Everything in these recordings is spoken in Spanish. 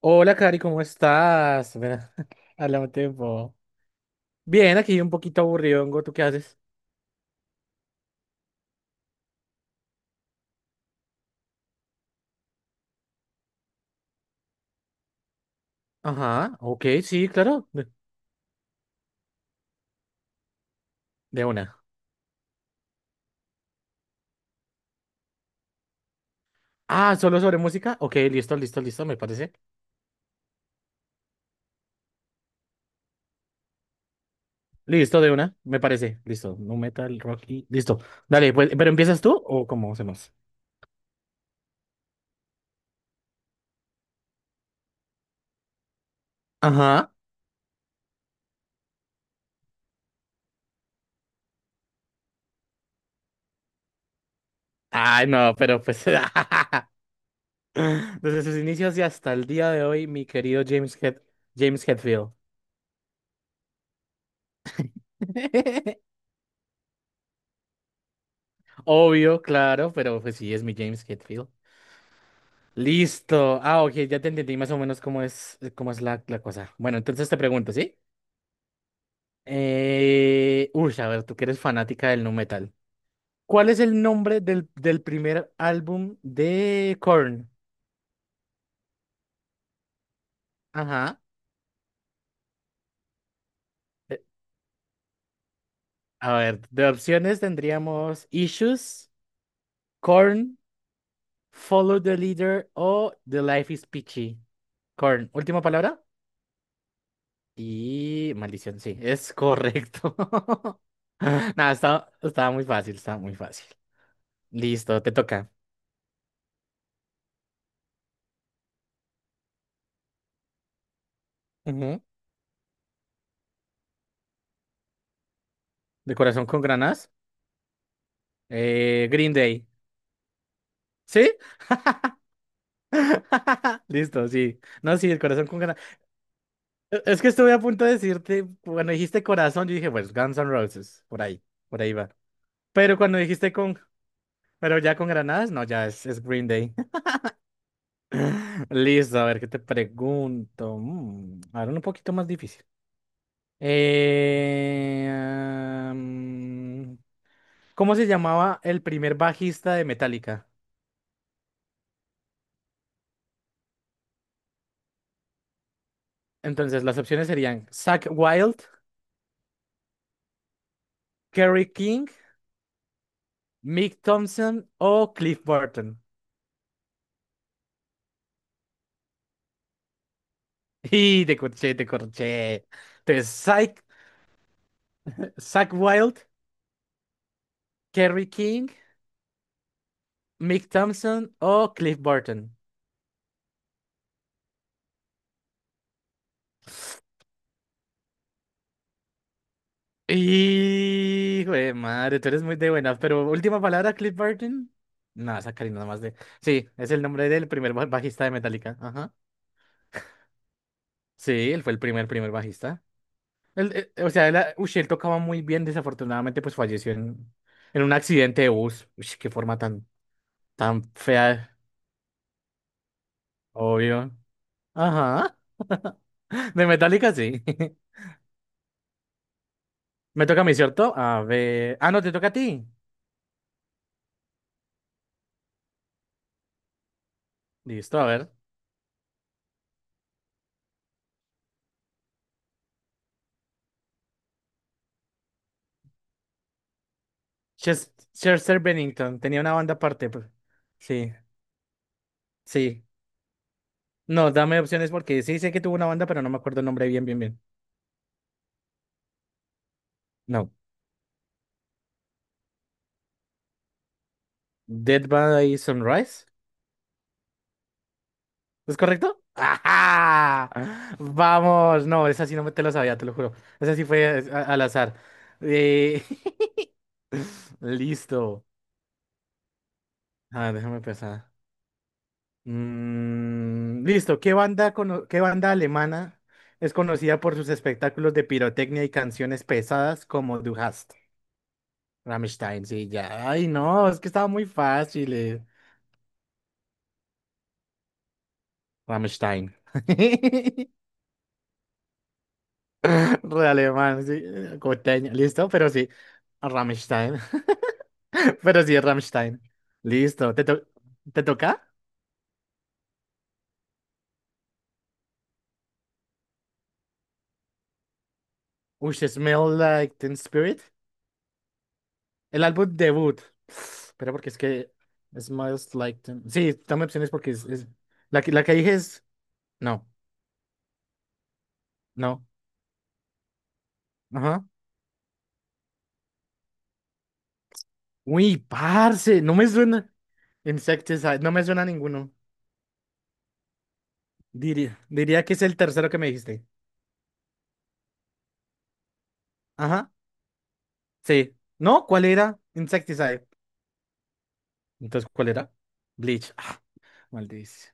Hola, Cari, ¿cómo estás? Mira, habla un tiempo. Bien, aquí un poquito aburridongo, ¿tú qué haces? Ajá, ok, sí, claro, de una. Ah, ¿solo sobre música? Ok, listo, listo, listo, me parece. Listo, de una, me parece, listo. No metal, rock y... Listo. Dale, pues, ¿pero empiezas tú o cómo hacemos? Ajá. Ay, no, pero pues... Desde sus inicios y hasta el día de hoy, mi querido James Head... James Hetfield. Obvio, claro, pero pues sí, es mi James Hetfield. Listo. Ah, ok, ya te entendí más o menos cómo es la cosa. Bueno, entonces te pregunto, ¿sí? Uy, a ver, tú que eres fanática del nu metal. ¿Cuál es el nombre del primer álbum de Korn? Ajá. Eh, a ver, de opciones tendríamos Issues, Korn, Follow the Leader o The Life is Peachy. Korn, última palabra. Y maldición, sí, es correcto. Nada, estaba muy fácil, estaba muy fácil. Listo, te toca. Ujú. De corazón con granas. Green Day. ¿Sí? Listo, sí. No, sí, el corazón con granas. Es que estuve a punto de decirte, cuando dijiste corazón, yo dije, pues Guns N' Roses, por ahí va. Pero cuando dijiste con, pero ya con granadas, no, ya es Green Day. Listo, a ver, ¿qué te pregunto? Ahora un poquito más difícil. Eh, am, ¿Cómo se llamaba el primer bajista de Metallica? Entonces, las opciones serían Zach Wild, Kerry King, Mick Thompson o Cliff Burton. Y te corché, te corché. Entonces, Zach Wild, Kerry King, Mick Thompson o Cliff Burton. Hijo de madre, tú eres muy de buenas, pero última palabra, Cliff Burton. No, esa Karina nada más de. Sí, es el nombre del primer bajista de Metallica. Ajá. Sí, él fue el primer bajista. Él, o sea, él tocaba muy bien, desafortunadamente, pues falleció en un accidente de bus. Uy, qué forma tan, tan fea, obvio. Ajá. De Metallica, sí. Me toca a mí, ¿cierto? A ver. Ah, no, te toca a ti. Listo, a ver. Chester Bennington tenía una banda aparte. Pues. Sí, sí. No, dame opciones porque sí sé que tuvo una banda, pero no me acuerdo el nombre bien, bien, bien. No. Dead by Sunrise. ¿Es correcto? ¡Ajá! Vamos, no, esa sí no me te la sabía, te lo juro. Esa sí fue al azar. Eh, listo. A déjame pensar. Mm, listo. Qué banda alemana es conocida por sus espectáculos de pirotecnia y canciones pesadas como Du hast? Rammstein, sí, ya. Ay, no, es que estaba muy fácil. Rammstein. Re alemán, sí. Coteño, listo, pero sí. Rammstein. Pero sí, es Rammstein. Listo. Te toca? Uy, Smell Like Teen Spirit. El álbum debut. Espera, porque es que Smells Like Teen... Sí, dame opciones porque la que, la que dije es... No, no. Ajá. Uy, parce, no me suena... Insecticide, no me suena ninguno. Diría, diría que es el tercero que me dijiste. Ajá, sí. ¿No? ¿Cuál era? Insecticide. Entonces, ¿cuál era? Bleach. Ah, maldición.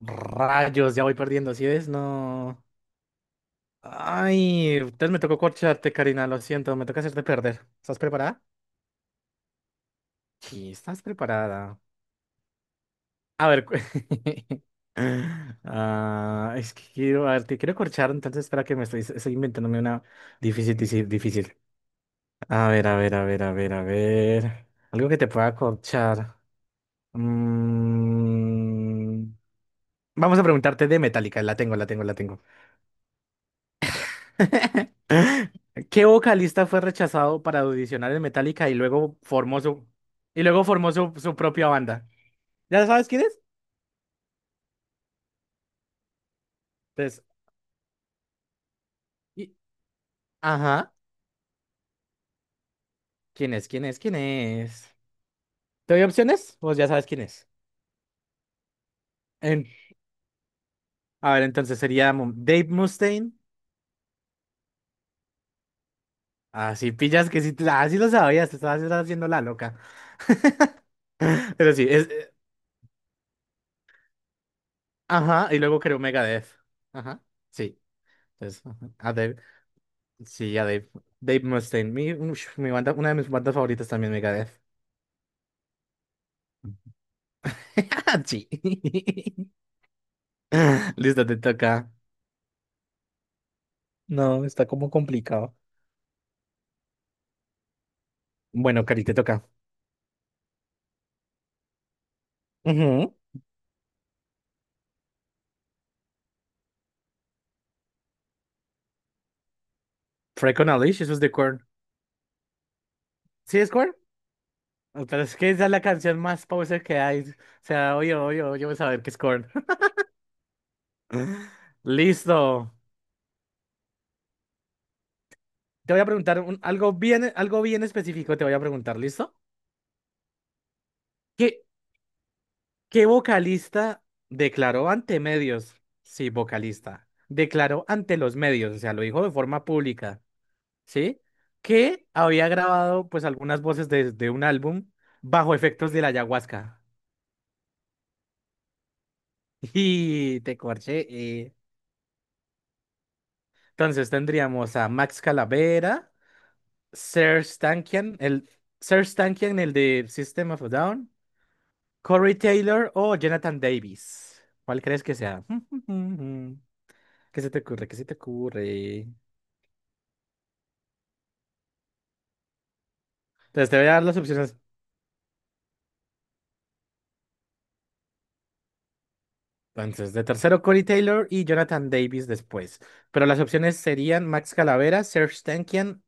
Rayos, ya voy perdiendo, ¿sí ves? No. Ay, entonces me tocó corcharte, Karina, lo siento, me toca hacerte perder. ¿Estás preparada? Sí, estás preparada. A ver, ah, es que quiero, a ver, te quiero corchar, entonces espera que estoy inventándome una difícil, difícil, difícil. A ver, a ver, a ver, a ver, a ver. Algo que te pueda corchar. Mm, Vamos a preguntarte de Metallica, la tengo, la tengo, la tengo. ¿Qué vocalista fue rechazado para audicionar en Metallica y luego formó y luego formó su propia banda? ¿Ya sabes quién es? Entonces, y- ajá, ¿quién es? ¿Quién es? ¿Quién es? ¿Te doy opciones? Pues ya sabes quién es. En- a ver, entonces sería Dave Mustaine. Ah sí, pillas que sí, sí lo sabías, te estabas estabas haciendo la loca. Pero sí, es, ajá, y luego creo Megadeth. Ajá, sí. Entonces, ajá, sí, a Dave. Dave Mustaine. Mi banda, una de mis bandas favoritas también, Megadeth. Sí. Listo, te toca. No, está como complicado. Bueno, Cari, te toca. Ujú. Freak on a Leash, eso es de Korn. ¿Sí es Korn? Pero es que esa es la canción más poser que hay. O sea, oye, oye, oye, voy a saber qué es Korn. Listo. Te voy a preguntar algo bien específico, te voy a preguntar, ¿listo? ¿Qué, ¿Qué vocalista declaró ante medios? Sí, vocalista. Declaró ante los medios, o sea, lo dijo de forma pública, ¿sí? Que había grabado pues algunas voces de un álbum bajo efectos de la ayahuasca. Y te corché. Entonces tendríamos a Max Calavera, Serj Tankian, el Serj Tankian, el de System of a Down, Corey Taylor o Jonathan Davis. ¿Cuál crees que sea? ¿Qué se te ocurre? ¿Qué se te ocurre? Entonces te voy a dar las opciones. Entonces, de tercero, Corey Taylor y Jonathan Davis después. Pero las opciones serían Max Calavera, Serge Tankian,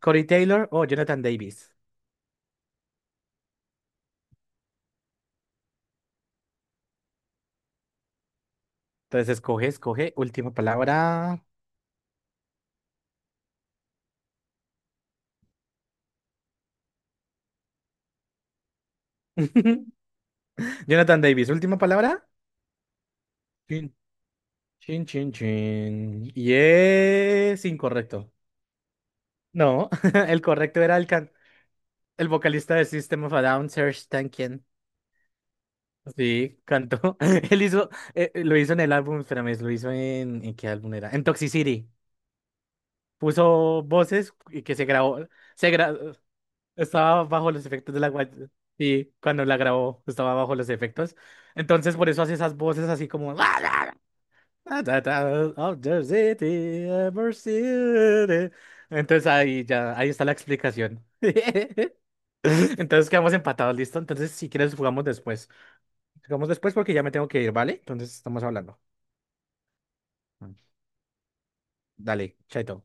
Corey Taylor o Jonathan Davis. Entonces, escoge, escoge. Última palabra. Jonathan Davis, última palabra. Chin, chin, chin, chin. Y es incorrecto. No, el correcto era el vocalista de System of a Down, Serge Tankian. Sí, cantó. Él hizo, lo hizo en el álbum, espérame, lo hizo ¿en qué álbum era? En Toxicity. Puso voces y que se grabó, se gra- estaba bajo los efectos de la sí, cuando la grabó estaba bajo los efectos. Entonces por eso hace esas voces así como Of the city, ever city. Entonces ahí ya, ahí está la explicación. Entonces quedamos empatados, ¿listo? Entonces si quieres jugamos después. Jugamos después porque ya me tengo que ir, ¿vale? Entonces estamos hablando. Dale, chaito.